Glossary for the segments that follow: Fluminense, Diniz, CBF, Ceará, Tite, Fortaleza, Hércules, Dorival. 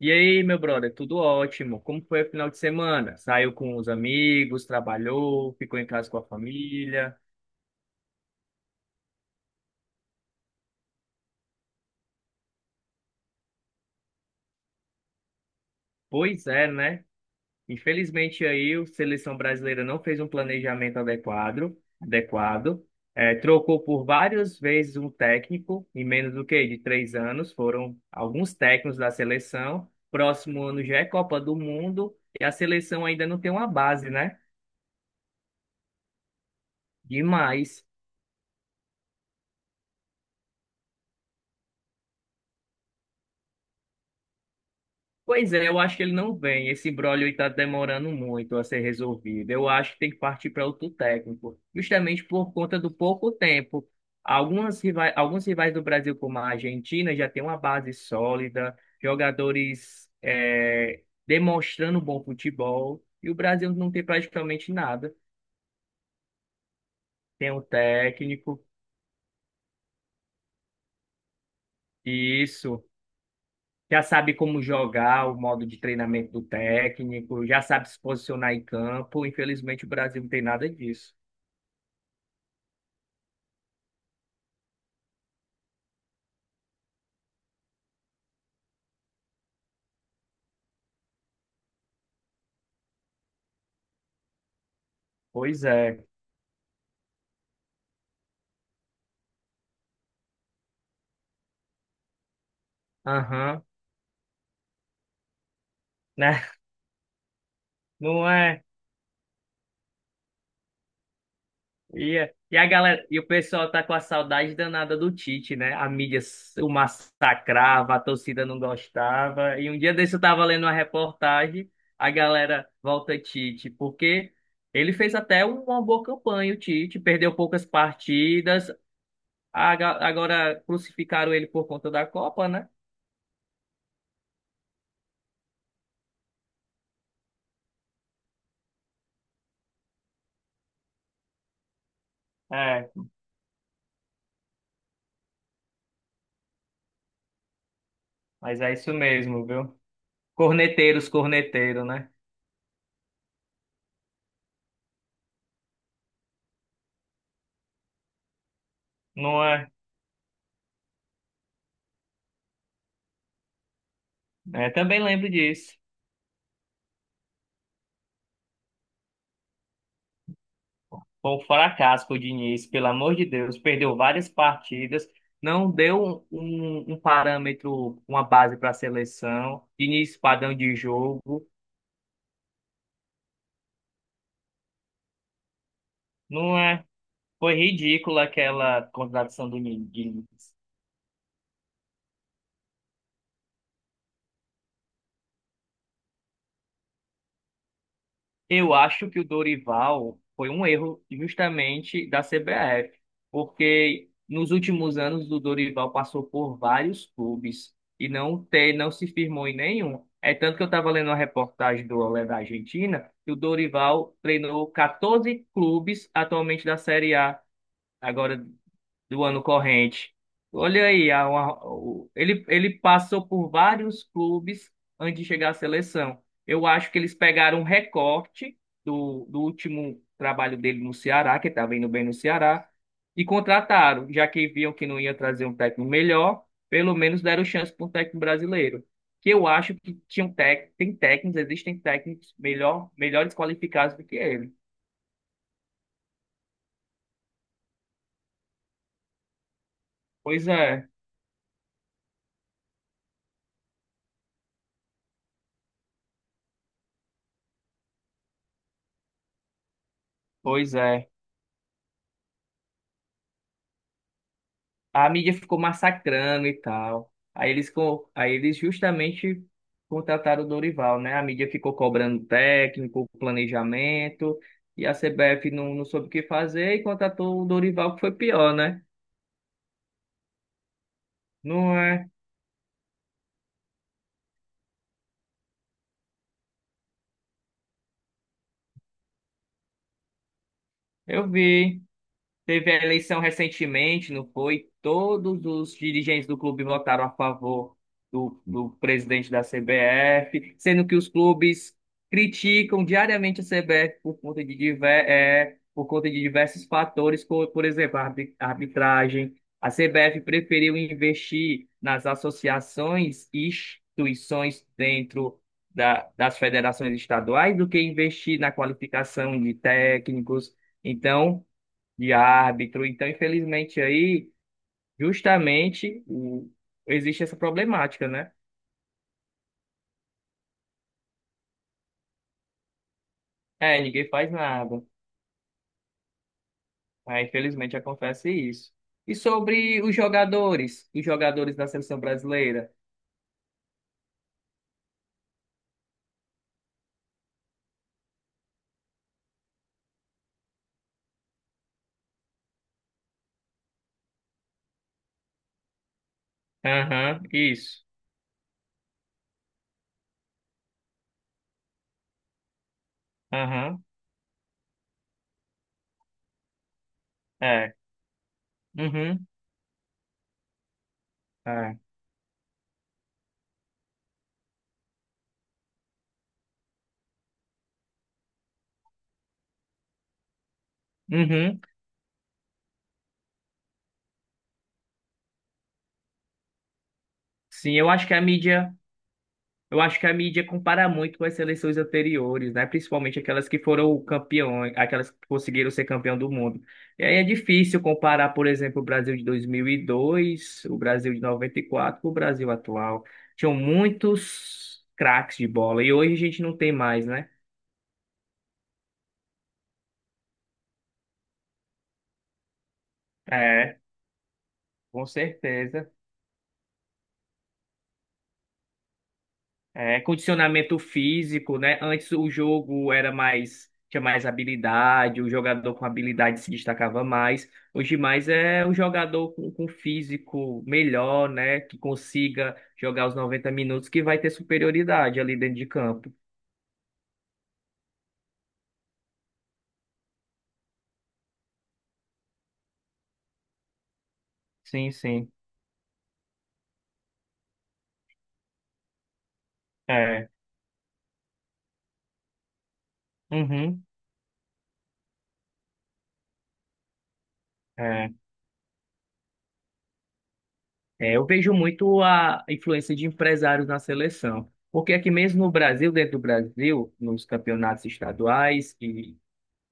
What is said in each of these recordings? E aí, meu brother, tudo ótimo? Como foi o final de semana? Saiu com os amigos, trabalhou, ficou em casa com a família? Pois é, né? Infelizmente aí o Seleção Brasileira não fez um planejamento adequado. É, trocou por várias vezes um técnico, em menos do que de 3 anos, foram alguns técnicos da seleção. Próximo ano já é Copa do Mundo e a seleção ainda não tem uma base, né? Demais. Pois é, eu acho que ele não vem. Esse imbróglio está demorando muito a ser resolvido. Eu acho que tem que partir para outro técnico, justamente por conta do pouco tempo. Algumas rivais, alguns rivais do Brasil, como a Argentina, já tem uma base sólida, jogadores demonstrando bom futebol, e o Brasil não tem praticamente nada. Tem um técnico, e isso. Já sabe como jogar, o modo de treinamento do técnico, já sabe se posicionar em campo. Infelizmente, o Brasil não tem nada disso. Pois é. Aham. Né? Não é? E a galera, e o pessoal tá com a saudade danada do Tite, né? A mídia o massacrava, a torcida não gostava. E um dia desse eu tava lendo uma reportagem, a galera volta Tite, porque ele fez até uma boa campanha, o Tite, perdeu poucas partidas, agora crucificaram ele por conta da Copa, né? É, mas é isso mesmo, viu? Corneteiros, corneteiro, né? Não é? É, também lembro disso. Foi um fracasso o Diniz, pelo amor de Deus. Perdeu várias partidas, não deu um parâmetro, uma base para a seleção. Diniz, padrão de jogo. Não é? Foi ridícula aquela contratação do Diniz. Eu acho que o Dorival foi um erro justamente da CBF, porque nos últimos anos o Dorival passou por vários clubes e não se firmou em nenhum. É tanto que eu estava lendo uma reportagem do Olé da Argentina, que o Dorival treinou 14 clubes atualmente da Série A, agora do ano corrente. Olha aí, ele passou por vários clubes antes de chegar à seleção. Eu acho que eles pegaram um recorte do último trabalho dele no Ceará, que estava indo bem no Ceará, e contrataram, já que viam que não ia trazer um técnico melhor, pelo menos deram chance para um técnico brasileiro. Que eu acho que tem técnicos, existem técnicos melhores qualificados do que ele. Pois é, pois é. A mídia ficou massacrando e tal. Aí eles, aí eles justamente contrataram o Dorival, né? A mídia ficou cobrando técnico, planejamento, e a CBF não soube o que fazer e contratou o Dorival, que foi pior, né? Não é? Eu vi. Teve a eleição recentemente, não foi? Todos os dirigentes do clube votaram a favor do presidente da CBF, sendo que os clubes criticam diariamente a CBF por conta por conta de diversos fatores, como, por exemplo, a arbitragem. A CBF preferiu investir nas associações e instituições dentro das federações estaduais do que investir na qualificação de técnicos. Então de árbitro. Então, infelizmente, aí, justamente, existe essa problemática, né? É, ninguém faz nada. Aí, infelizmente, acontece isso. E sobre os jogadores da seleção brasileira? Aham, isso. Aham, é. Uhum, é. Uhum. Sim, eu acho que a mídia. Eu acho que a mídia compara muito com as seleções anteriores, né? Principalmente aquelas que foram campeões, aquelas que conseguiram ser campeão do mundo. E aí é difícil comparar, por exemplo, o Brasil de 2002, o Brasil de 94 com o Brasil atual. Tinham muitos craques de bola e hoje a gente não tem mais, né? É, com certeza. É, condicionamento físico, né? Antes o jogo era mais, tinha mais habilidade, o jogador com habilidade se destacava mais. Hoje mais é o jogador com físico melhor, né? Que consiga jogar os 90 minutos, que vai ter superioridade ali dentro de campo. Sim, sim. É. Uhum. É. É, eu vejo muito a influência de empresários na seleção. Porque aqui mesmo no Brasil, dentro do Brasil, nos campeonatos estaduais e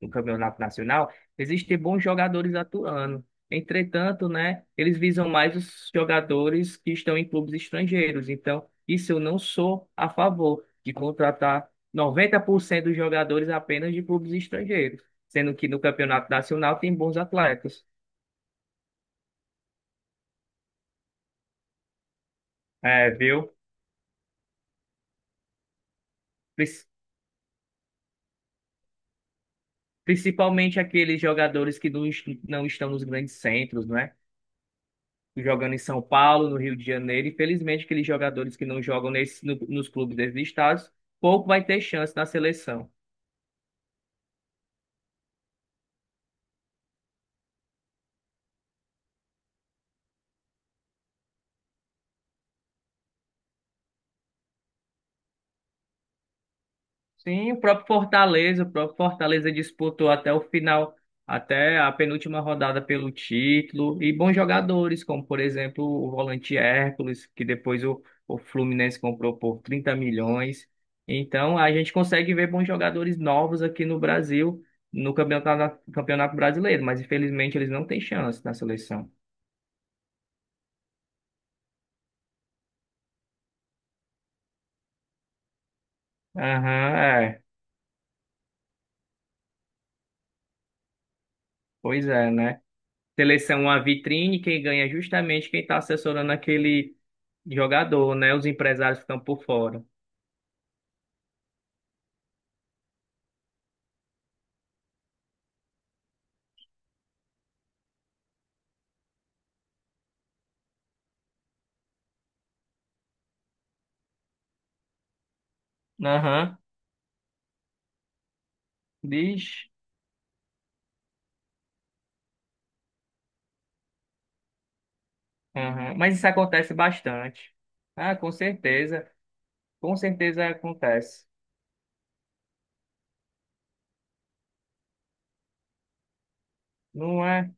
no Campeonato Nacional, existem bons jogadores atuando. Entretanto, né, eles visam mais os jogadores que estão em clubes estrangeiros. Então, isso eu não sou a favor de contratar 90% dos jogadores apenas de clubes estrangeiros, sendo que no Campeonato Nacional tem bons atletas. É, viu? Pris- Principalmente aqueles jogadores que não estão nos grandes centros, né? Jogando em São Paulo, no Rio de Janeiro. Infelizmente, aqueles jogadores que não jogam nesse, no- nos clubes desses estados, pouco vai ter chance na seleção. Sim, o próprio Fortaleza disputou até o final, até a penúltima rodada pelo título, e bons jogadores, como por exemplo o volante Hércules, que depois o Fluminense comprou por 30 milhões. Então a gente consegue ver bons jogadores novos aqui no Brasil, no Campeonato Brasileiro, mas infelizmente eles não têm chance na seleção. Aham, é. Pois é, né? Seleção é uma vitrine, quem ganha é justamente quem está assessorando aquele jogador, né? Os empresários ficam por fora. Aham, diz. Aham. Mas isso acontece bastante. Ah, com certeza. Com certeza acontece. Não é?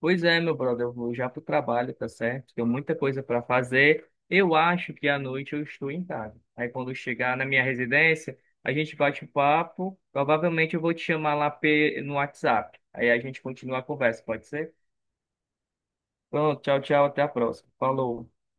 Pois é, meu brother, eu vou já pro trabalho, tá certo? Tenho muita coisa para fazer. Eu acho que à noite eu estou em casa. Aí quando eu chegar na minha residência, a gente bate um papo. Provavelmente eu vou te chamar lá no WhatsApp. Aí a gente continua a conversa, pode ser? Pronto, tchau, tchau, até a próxima. Falou.